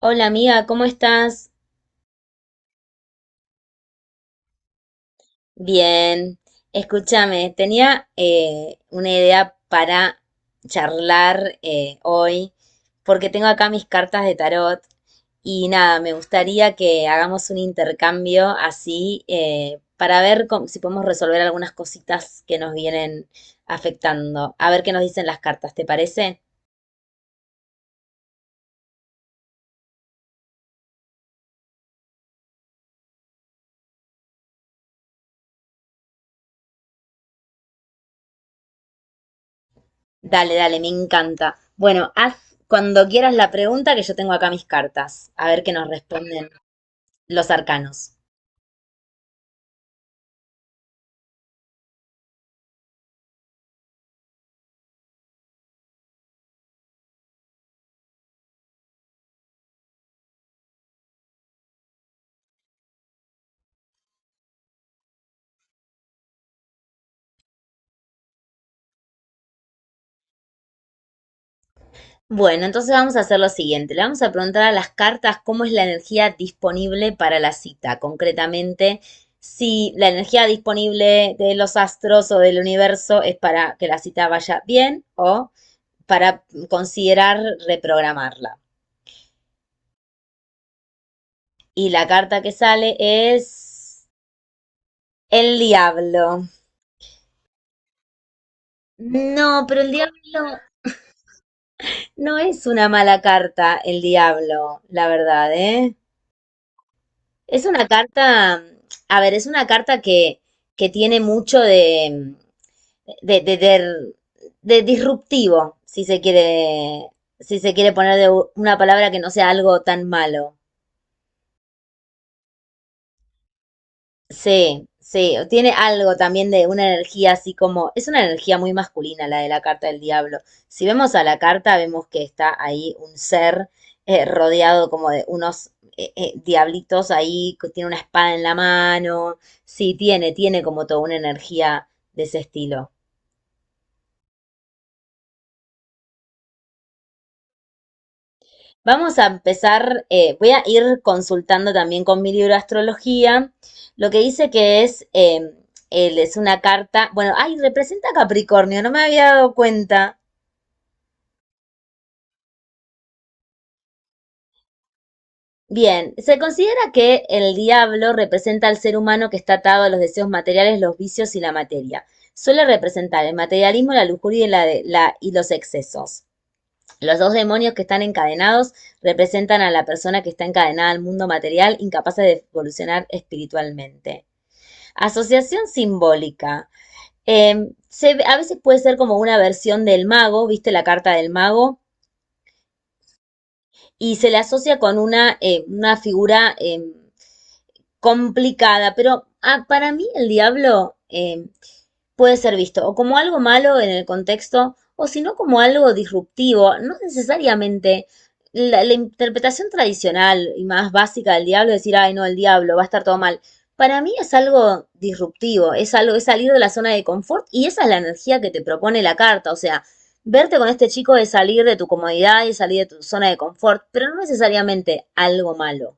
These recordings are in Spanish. Hola amiga, ¿cómo estás? Bien. Escúchame, tenía una idea para charlar hoy, porque tengo acá mis cartas de tarot y nada, me gustaría que hagamos un intercambio así para ver si podemos resolver algunas cositas que nos vienen afectando. A ver qué nos dicen las cartas, ¿te parece? Dale, dale, me encanta. Bueno, haz cuando quieras la pregunta que yo tengo acá mis cartas, a ver qué nos responden. Los arcanos. Bueno, entonces vamos a hacer lo siguiente. Le vamos a preguntar a las cartas cómo es la energía disponible para la cita. Concretamente, si la energía disponible de los astros o del universo es para que la cita vaya bien o para considerar reprogramarla. Y la carta que sale es el diablo. No, pero el diablo no es una mala carta, el diablo, la verdad, ¿eh? Es una carta, a ver, es una carta que tiene mucho de, de, de, de- de disruptivo, si se quiere, si se quiere poner de una palabra que no sea algo tan malo. Sí, sí, tiene algo también de una energía así como, es una energía muy masculina la de la carta del diablo. Si vemos a la carta, vemos que está ahí un ser rodeado como de unos diablitos ahí, que tiene una espada en la mano. Sí, tiene como toda una energía de ese estilo. Vamos a empezar, voy a ir consultando también con mi libro de astrología, lo que dice que es, él es una carta, bueno, ay, representa a Capricornio, no me había dado cuenta. Bien, se considera que el diablo representa al ser humano que está atado a los deseos materiales, los vicios y la materia. Suele representar el materialismo, la lujuria y los excesos. Los dos demonios que están encadenados representan a la persona que está encadenada al mundo material, incapaz de evolucionar espiritualmente. Asociación simbólica. A veces puede ser como una versión del mago, ¿viste la carta del mago? Y se le asocia con una figura complicada, pero ah, para mí el diablo puede ser visto o como algo malo en el contexto o si no como algo disruptivo, no necesariamente. La interpretación tradicional y más básica del diablo es decir, ay no, el diablo, va a estar todo mal. Para mí es algo disruptivo, es algo, es salir de la zona de confort y esa es la energía que te propone la carta. O sea, verte con este chico es salir de tu comodidad y salir de tu zona de confort, pero no necesariamente algo malo.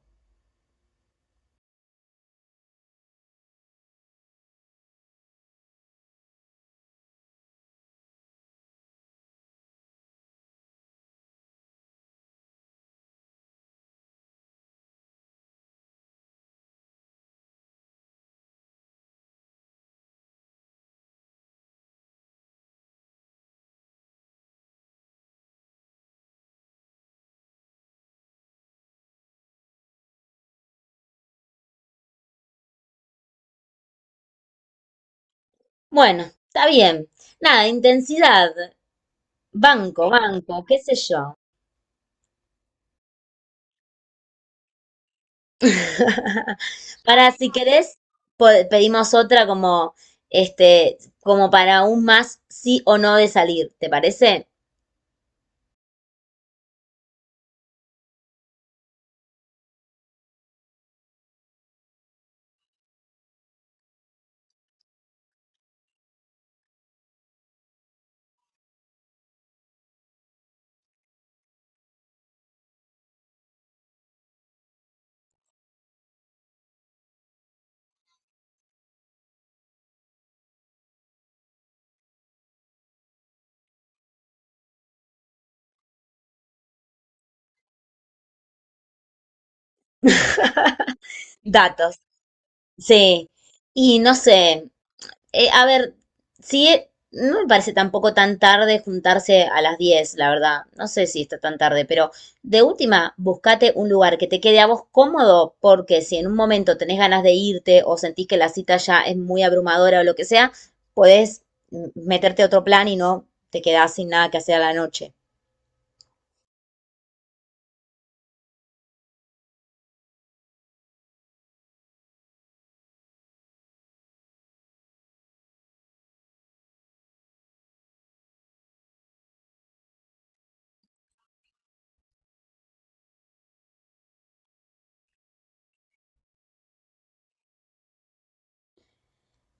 Bueno, está bien. Nada, intensidad, banco, banco, qué sé yo. Para si querés, pedimos otra como este, como para un más sí o no de salir, ¿te parece? Datos. Sí. Y no sé, a ver, sí, no me parece tampoco tan tarde juntarse a las 10, la verdad. No sé si está tan tarde, pero de última, buscate un lugar que te quede a vos cómodo, porque si en un momento tenés ganas de irte o sentís que la cita ya es muy abrumadora o lo que sea, podés meterte a otro plan y no te quedás sin nada que hacer a la noche.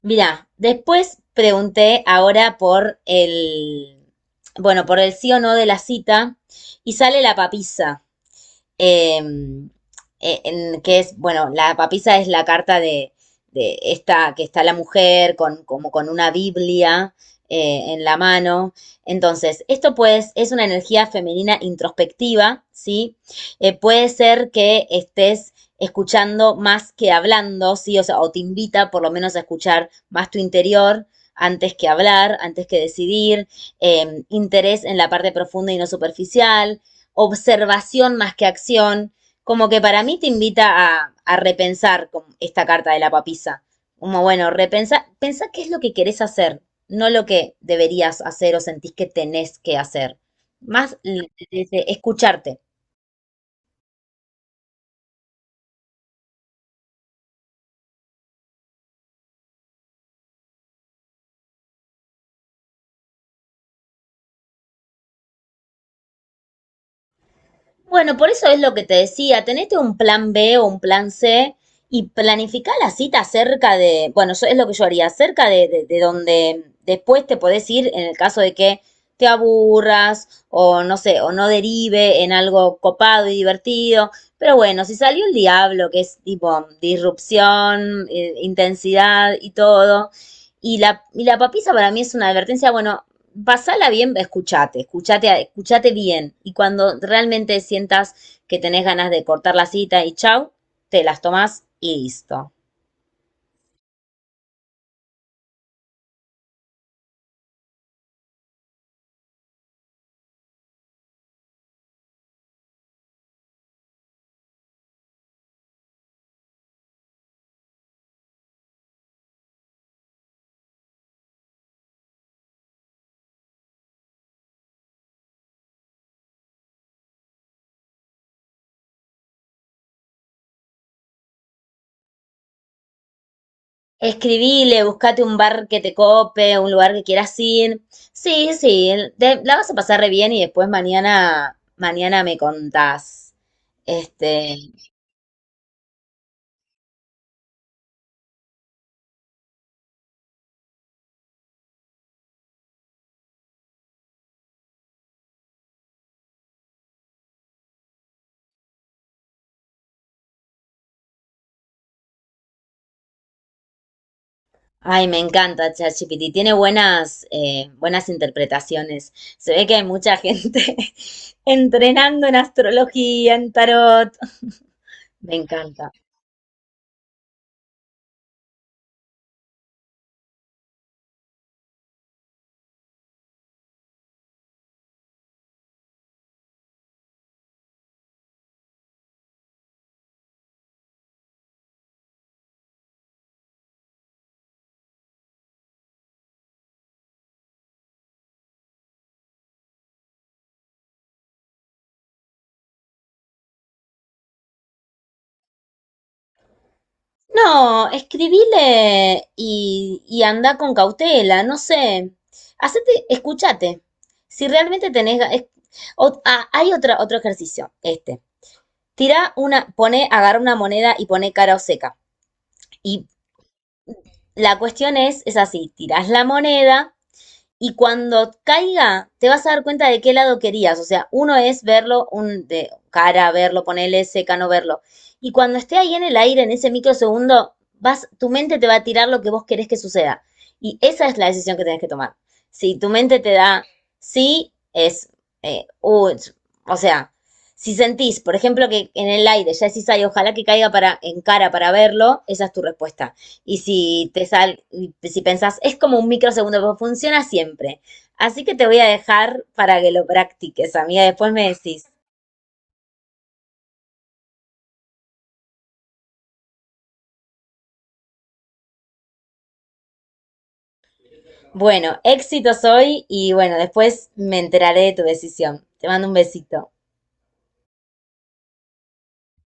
Mirá, después pregunté ahora por bueno, por el sí o no de la cita y sale la papisa. eh, en, que es, bueno, la papisa es la carta de esta, que está la mujer con, como con una Biblia en la mano. Entonces, esto pues es una energía femenina introspectiva, ¿sí? Puede ser que estés escuchando más que hablando, ¿sí? O sea, o te invita por lo menos a escuchar más tu interior antes que hablar, antes que decidir, interés en la parte profunda y no superficial, observación más que acción, como que para mí te invita a repensar con esta carta de la papisa. Como bueno, repensa, pensá qué es lo que querés hacer, no lo que deberías hacer o sentís que tenés que hacer. Más desde escucharte. Bueno, por eso es lo que te decía, tenete un plan B o un plan C y planificá la cita cerca de, bueno, es lo que yo haría, cerca de de donde después te podés ir en el caso de que te aburras o no sé, o no derive en algo copado y divertido. Pero bueno, si salió el diablo, que es tipo disrupción, intensidad y todo, y la papisa para mí es una advertencia, bueno, pasala bien, escuchate bien. Y cuando realmente sientas que tenés ganas de cortar la cita y chau, te las tomás y listo. Escribile, buscate un bar que te cope, un lugar que quieras ir. Sí, sí, la vas a pasar re bien y después mañana, mañana me contás. Este, Ay, me encanta ChatGPT. Tiene buenas, buenas interpretaciones. Se ve que hay mucha gente entrenando en astrología, en tarot. Me encanta. No, escribile y anda con cautela, no sé. Hacete, escúchate. Si realmente tenés... ga- es- o- ah, hay otra, otro ejercicio, este. Tira una, pone, agarra una moneda y pone cara o seca. Y la cuestión es así, tirás la moneda. Y cuando caiga, te vas a dar cuenta de qué lado querías. O sea, uno es verlo, un de cara, verlo, ponerle seca, no verlo. Y cuando esté ahí en el aire, en ese microsegundo, vas, tu mente te va a tirar lo que vos querés que suceda. Y esa es la decisión que tenés que tomar. Si tu mente te da sí, es, eh, uh, o sea, si sentís, por ejemplo, que en el aire ya decís, ay, ojalá que caiga para, en cara para verlo, esa es tu respuesta. Y y si pensás, es como un microsegundo, pero funciona siempre. Así que te voy a dejar para que lo practiques, amiga. Después me decís, bueno, éxitos hoy y bueno, después me enteraré de tu decisión. Te mando un besito.